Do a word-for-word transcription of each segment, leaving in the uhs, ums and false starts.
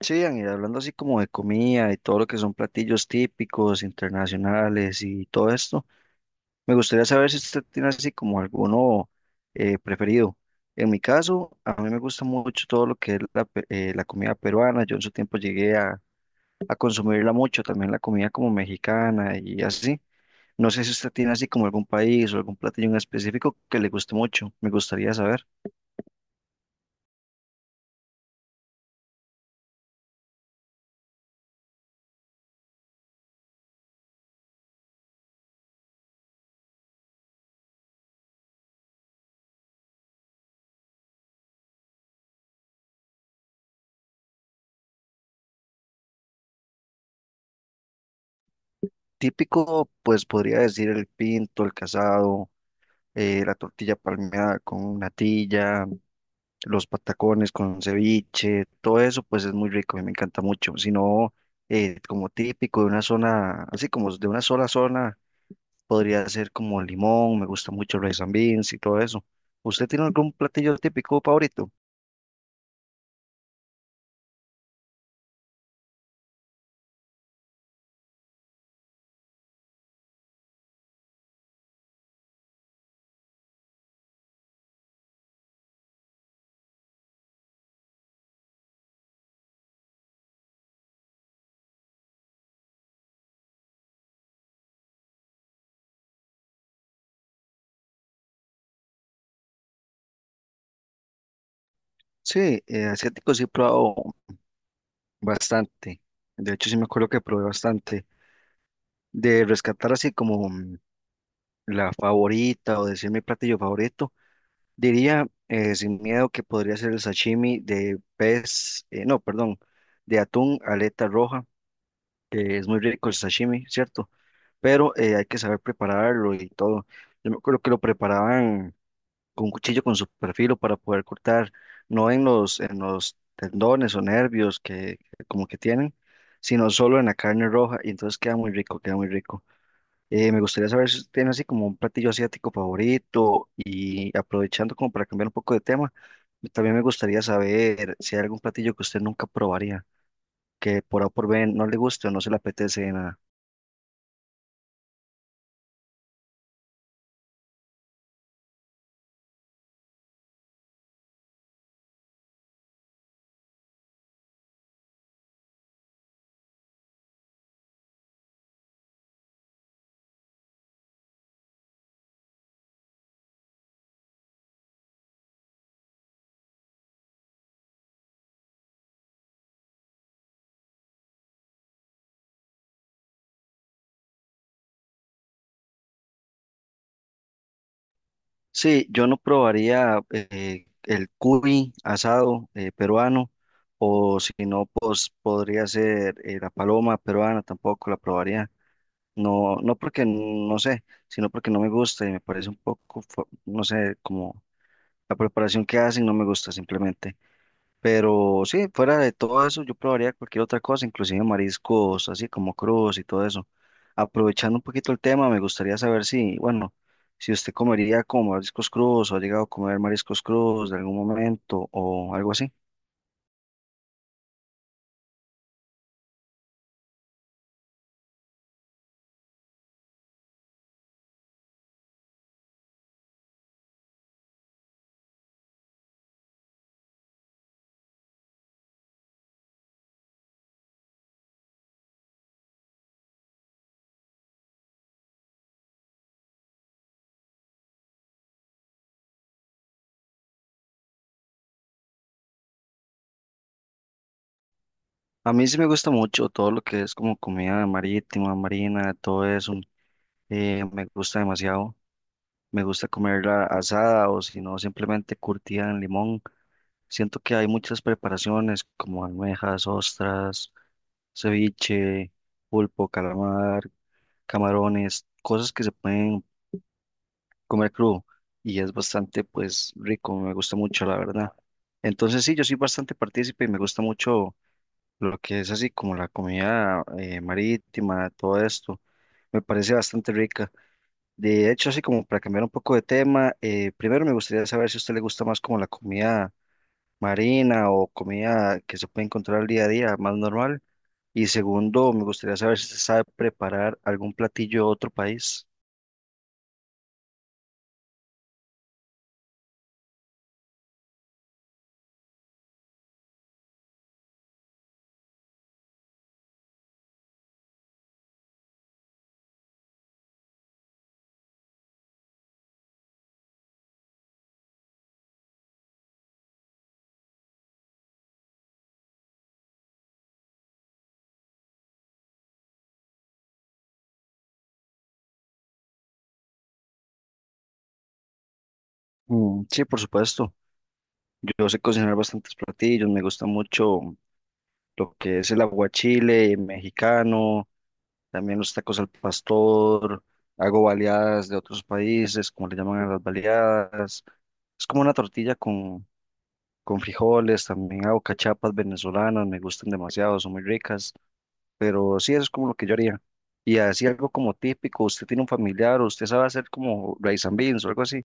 Sí, Ian, y hablando así como de comida y todo lo que son platillos típicos, internacionales y todo esto, me gustaría saber si usted tiene así como alguno eh, preferido. En mi caso, a mí me gusta mucho todo lo que es la, pe- eh, la comida peruana. Yo en su tiempo llegué a, a consumirla mucho, también la comida como mexicana y así. No sé si usted tiene así como algún país o algún platillo en específico que le guste mucho. Me gustaría saber. Típico, pues podría decir el pinto, el casado, eh, la tortilla palmeada con natilla, los patacones con ceviche, todo eso pues es muy rico y me encanta mucho. Si no, eh, como típico de una zona, así como de una sola zona, podría ser como limón, me gusta mucho el rice and beans y todo eso. ¿Usted tiene algún platillo típico favorito? Sí, eh, asiático sí he probado bastante. De hecho, sí me acuerdo que probé bastante. De rescatar así como mm, la favorita o decir mi platillo favorito. Diría, eh, sin miedo, que podría ser el sashimi de pez, eh, no, perdón, de atún, aleta roja, que es muy rico el sashimi, ¿cierto? Pero eh, hay que saber prepararlo y todo. Yo me acuerdo que lo preparaban con un cuchillo con su perfilo para poder cortar, no en los, en los tendones o nervios que que como que tienen, sino solo en la carne roja y entonces queda muy rico, queda muy rico. Eh, me gustaría saber si tienen así como un platillo asiático favorito y aprovechando como para cambiar un poco de tema, también me gustaría saber si hay algún platillo que usted nunca probaría, que por A o por B no le guste o no se le apetece de nada. Sí, yo no probaría, eh, el cuy asado, eh, peruano o si no, pues podría ser, eh, la paloma peruana, tampoco la probaría. No, no porque no sé, sino porque no me gusta y me parece un poco, fu- no sé, como la preparación que hacen no me gusta simplemente. Pero sí, fuera de todo eso, yo probaría cualquier otra cosa, inclusive mariscos, así como crudos y todo eso. Aprovechando un poquito el tema, me gustaría saber si, bueno, si usted comería como mariscos crudos o ha llegado a comer mariscos crudos de algún momento o algo así. A mí sí me gusta mucho todo lo que es como comida marítima, marina, todo eso. Eh, me gusta demasiado. Me gusta comerla asada o si no, simplemente curtida en limón. Siento que hay muchas preparaciones como almejas, ostras, ceviche, pulpo, calamar, camarones, cosas que se pueden comer crudo y es bastante pues rico, me gusta mucho la verdad. Entonces sí, yo soy bastante partícipe y me gusta mucho lo que es así como la comida, eh, marítima, todo esto. Me parece bastante rica. De hecho, así como para cambiar un poco de tema, eh, primero me gustaría saber si a usted le gusta más como la comida marina o comida que se puede encontrar al día a día, más normal. Y segundo, me gustaría saber si se sabe preparar algún platillo de otro país. Mm, sí, por supuesto. Yo sé cocinar bastantes platillos, me gusta mucho lo que es el aguachile mexicano, también los tacos al pastor, hago baleadas de otros países, como le llaman a las baleadas. Es como una tortilla con, con frijoles, también hago cachapas venezolanas, me gustan demasiado, son muy ricas. Pero sí, eso es como lo que yo haría. Y así algo como típico, usted tiene un familiar, o usted sabe hacer como rice and beans o algo así.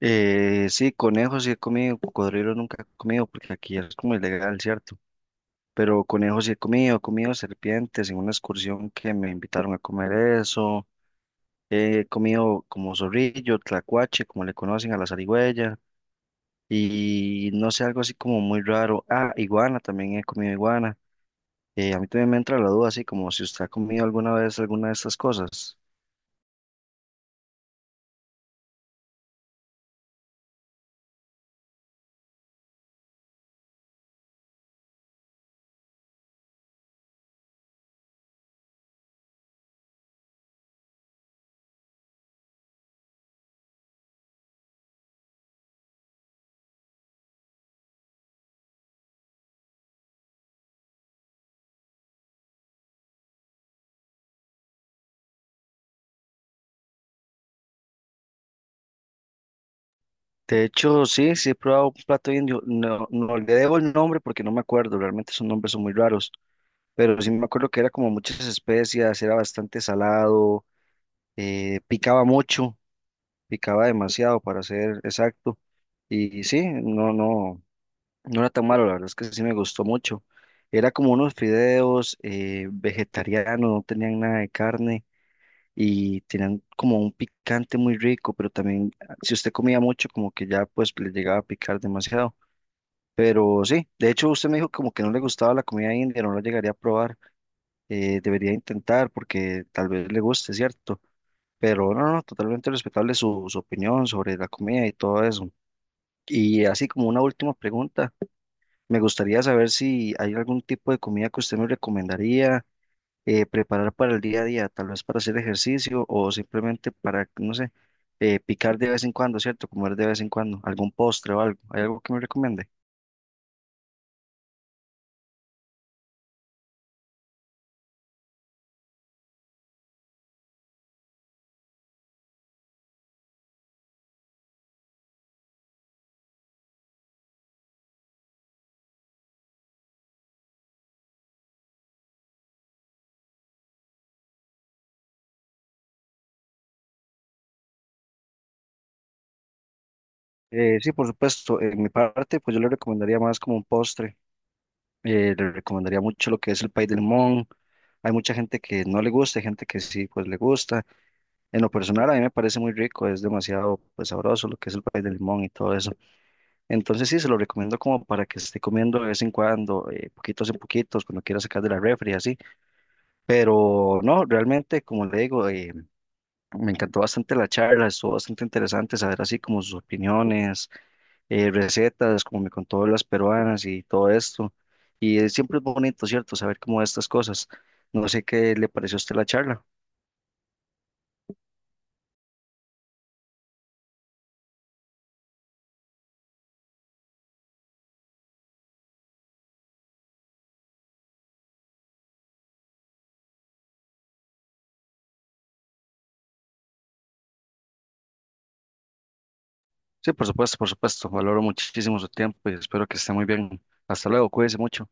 Eh, sí, conejos sí he comido, cocodrilos nunca he comido porque aquí es como ilegal, ¿cierto? Pero conejos sí he comido, he comido serpientes en una excursión que me invitaron a comer eso. He comido como zorrillo, tlacuache, como le conocen a la zarigüeya. Y no sé, algo así como muy raro. Ah, iguana, también he comido iguana. Eh, a mí también me entra la duda, así como si usted ha comido alguna vez alguna de estas cosas. De hecho, sí, sí he probado un plato indio. No, no le debo el nombre porque no me acuerdo, realmente esos nombres son muy raros, pero sí me acuerdo que era como muchas especias, era bastante salado, eh, picaba mucho, picaba demasiado para ser exacto. Y sí, no, no, no era tan malo, la verdad es que sí me gustó mucho. Era como unos fideos, eh, vegetarianos, no tenían nada de carne y tenían como un picante muy rico, pero también ah, si usted comía mucho, como que ya pues le llegaba a picar demasiado. Pero sí, de hecho usted me dijo como que no le gustaba la comida india, no la llegaría a probar, eh, debería intentar porque tal vez le guste, ¿cierto? Pero no, no, no, totalmente respetable su, su opinión sobre la comida y todo eso. Y así como una última pregunta, me gustaría saber si hay algún tipo de comida que usted me recomendaría eh, preparar para el día a día, tal vez para hacer ejercicio o simplemente para, no sé, eh, picar de vez en cuando, ¿cierto? Comer de vez en cuando, algún postre o algo. ¿Hay algo que me recomiende? Eh, sí, por supuesto. En mi parte, pues yo le recomendaría más como un postre. Eh, le recomendaría mucho lo que es el pay de limón. Hay mucha gente que no le gusta, hay gente que sí, pues le gusta. En lo personal, a mí me parece muy rico, es demasiado, pues, sabroso lo que es el pay de limón y todo eso. Entonces sí, se lo recomiendo como para que esté comiendo de vez en cuando, eh, poquitos en poquitos, cuando quiera sacar de la refri, así. Pero no, realmente, como le digo, eh, me encantó bastante la charla, estuvo bastante interesante saber así como sus opiniones, eh, recetas, como me contó las peruanas y todo esto. Y eh, siempre es bonito, ¿cierto? Saber cómo estas cosas. No sé qué le pareció a usted la charla. Sí, por supuesto, por supuesto. Valoro muchísimo su tiempo y espero que esté muy bien. Hasta luego, cuídese mucho.